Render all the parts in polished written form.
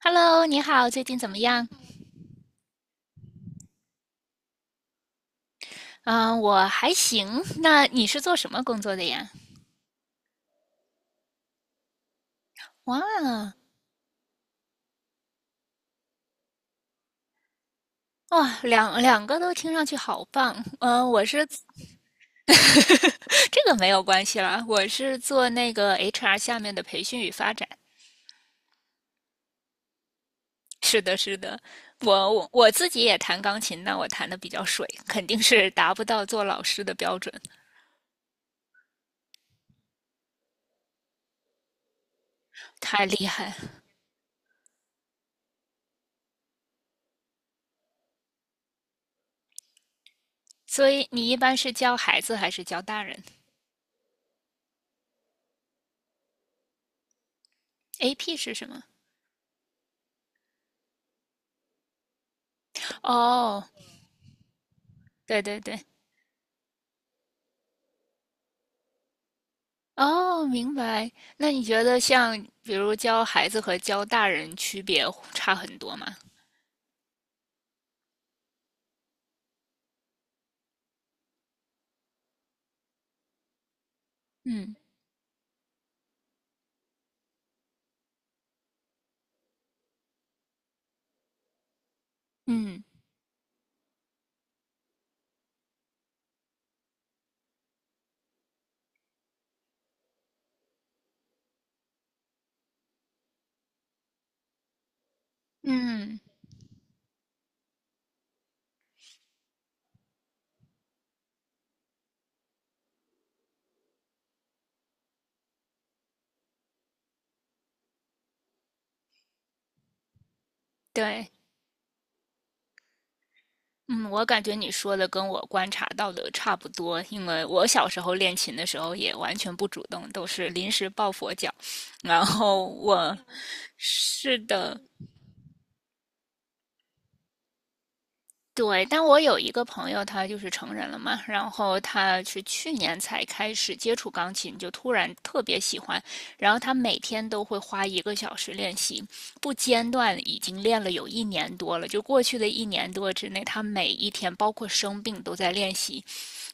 Hello，你好，最近怎么样？嗯、我还行。那你是做什么工作的呀？哇，哇，两个都听上去好棒。嗯、我是 这个没有关系啦，我是做那个 HR 下面的培训与发展。是的，是的，我自己也弹钢琴，但我弹的比较水，肯定是达不到做老师的标准，太厉害了。所以你一般是教孩子还是教大人？AP 是什么？哦，对对对，哦，明白。那你觉得像比如教孩子和教大人区别差很多吗？嗯嗯嗯，对，嗯，我感觉你说的跟我观察到的差不多，因为我小时候练琴的时候也完全不主动，都是临时抱佛脚。然后我是的，对，但我有一个朋友，他就是成人了嘛，然后他是去年才开始接触钢琴，就突然特别喜欢，然后他每天都会花1个小时练习，不间断，已经练了有一年多了。就过去的一年多之内，他每一天，包括生病，都在练习，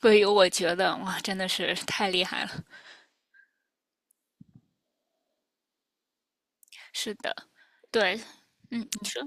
所以我觉得哇，真的是太厉害了。是的，对，嗯，你说，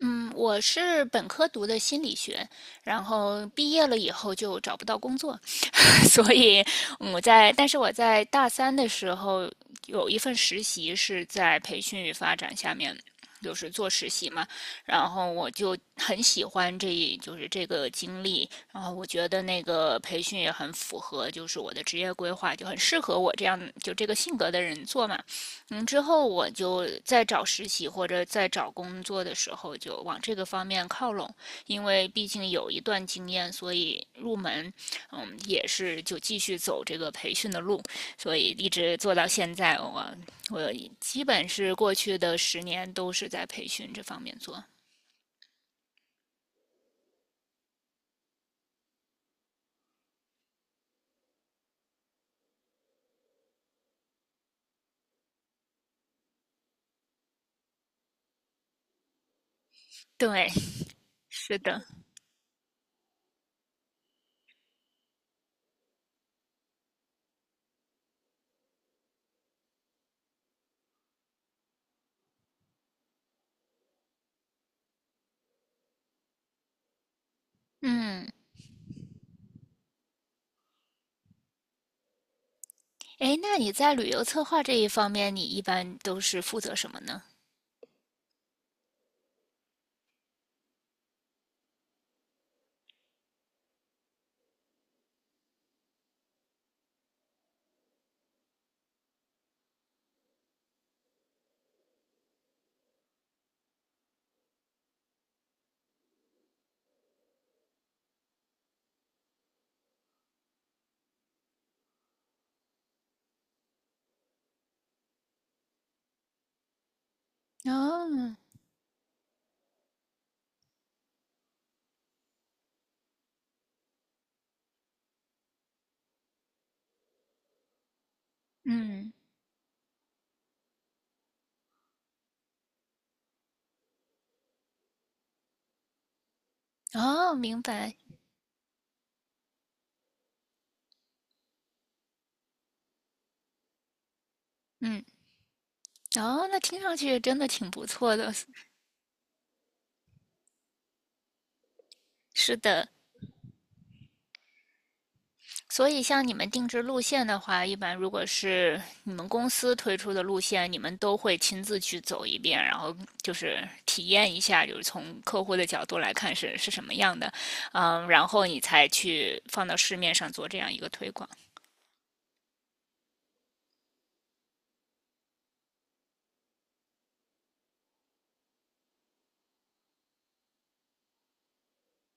嗯，我是本科读的心理学，然后毕业了以后就找不到工作，所以我在，但是我在大三的时候有一份实习是在培训与发展下面，就是做实习嘛，然后我就很喜欢就是这个经历，然后我觉得那个培训也很符合，就是我的职业规划，就很适合我这样就这个性格的人做嘛，嗯，之后我就在找实习或者在找工作的时候，就往这个方面靠拢，因为毕竟有一段经验，所以入门，嗯，也是就继续走这个培训的路，所以一直做到现在，我基本是过去的10年都是在培训这方面做。对，是的，嗯，诶，那你在旅游策划这一方面，你一般都是负责什么呢？哦，嗯，哦，明白，嗯。哦，那听上去真的挺不错的。是的，所以像你们定制路线的话，一般如果是你们公司推出的路线，你们都会亲自去走一遍，然后就是体验一下，就是从客户的角度来看是什么样的，嗯，然后你才去放到市面上做这样一个推广。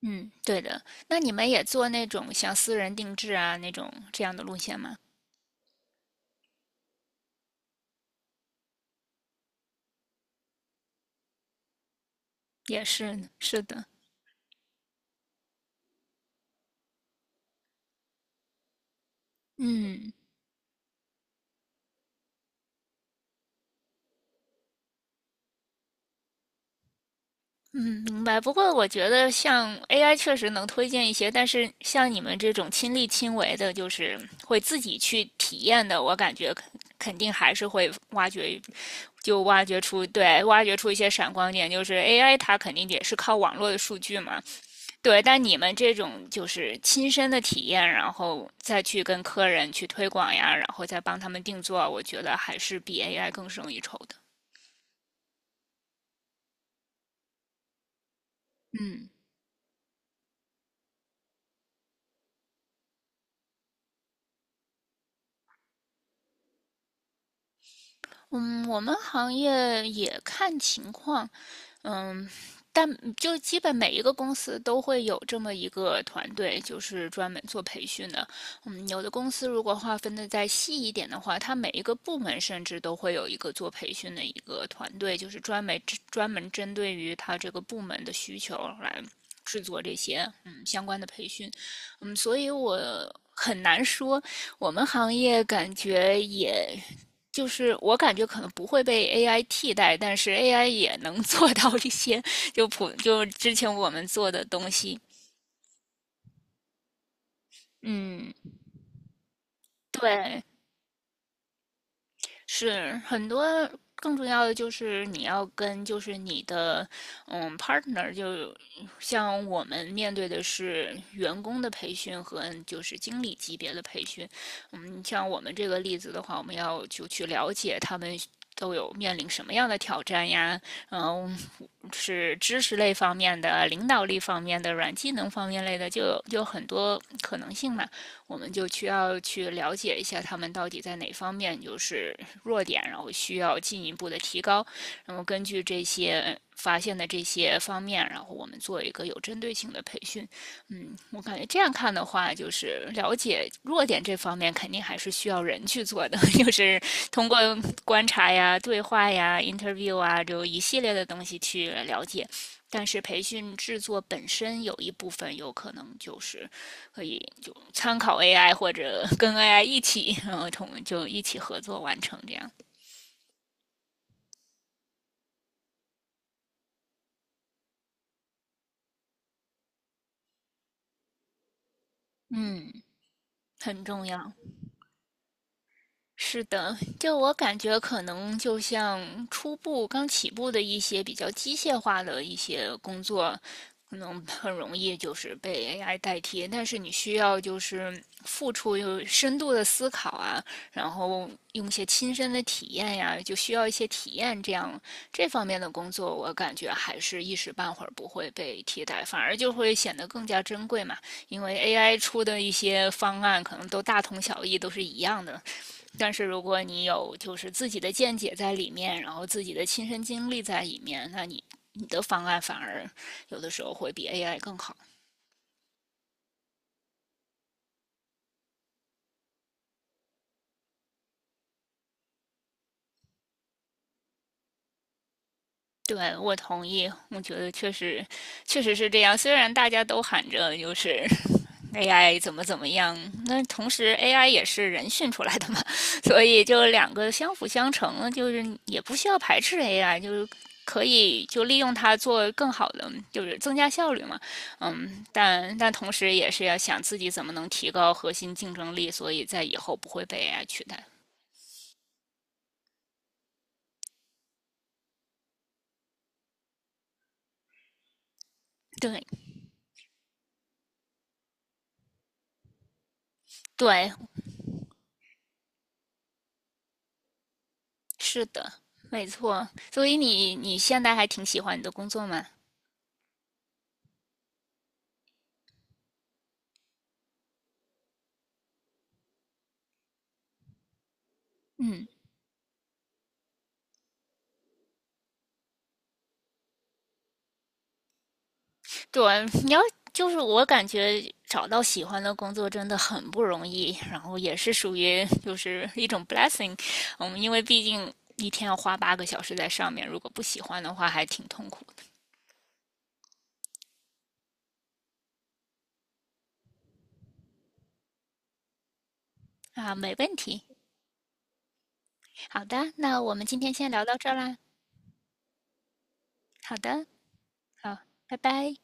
嗯，对的。那你们也做那种像私人定制啊那种这样的路线吗？也是，是的。嗯。嗯，明白。不过我觉得像 AI 确实能推荐一些，但是像你们这种亲力亲为的，就是会自己去体验的，我感觉肯定还是会挖掘，就挖掘出，对，挖掘出一些闪光点。就是 AI 它肯定也是靠网络的数据嘛，对。但你们这种就是亲身的体验，然后再去跟客人去推广呀，然后再帮他们定做，我觉得还是比 AI 更胜一筹的。嗯，我们行业也看情况，但就基本每一个公司都会有这么一个团队，就是专门做培训的。嗯，有的公司如果划分的再细一点的话，它每一个部门甚至都会有一个做培训的一个团队，就是专门针对于它这个部门的需求来制作这些相关的培训。嗯，所以我很难说，我们行业感觉也就是我感觉可能不会被 AI 替代，但是 AI 也能 做到一些就之前我们做的东西。嗯，对，是很多。更重要的就是你要跟就是你的partner，就像我们面对的是员工的培训和就是经理级别的培训，嗯，像我们这个例子的话，我们要就去了解他们都有面临什么样的挑战呀，嗯，是知识类方面的、领导力方面的、软技能方面类的，就有很多可能性嘛。我们就需要去了解一下他们到底在哪方面就是弱点，然后需要进一步的提高。然后根据这些发现的这些方面，然后我们做一个有针对性的培训。嗯，我感觉这样看的话，就是了解弱点这方面，肯定还是需要人去做的，就是通过观察呀、对话呀、interview 啊，就一系列的东西去了解。但是培训制作本身有一部分有可能就是可以就参考 AI 或者跟 AI 一起，然后就一起合作完成这样。嗯，很重要。是的，就我感觉，可能就像初步刚起步的一些比较机械化的一些工作，可能很容易就是被 AI 代替。但是你需要就是付出有深度的思考啊，然后用一些亲身的体验呀，就需要一些体验。这样这方面的工作，我感觉还是一时半会儿不会被替代，反而就会显得更加珍贵嘛。因为 AI 出的一些方案可能都大同小异，都是一样的。但是如果你有就是自己的见解在里面，然后自己的亲身经历在里面，那你的方案反而有的时候会比 AI 更好。对，我同意，我觉得确实，确实是这样。虽然大家都喊着就是 AI 怎么怎么样，那同时 AI 也是人训出来的嘛，所以就两个相辅相成，就是也不需要排斥 AI，就是可以就利用它做更好的，就是增加效率嘛。嗯，但同时也是要想自己怎么能提高核心竞争力，所以在以后不会被 AI 取代。对对，是的，没错。所以你现在还挺喜欢你的工作吗？嗯，对，就是我感觉找到喜欢的工作真的很不容易，然后也是属于就是一种 blessing，嗯，因为毕竟一天要花8个小时在上面，如果不喜欢的话，还挺痛苦的啊。没问题，好的，那我们今天先聊到这儿啦。好的，好，拜拜。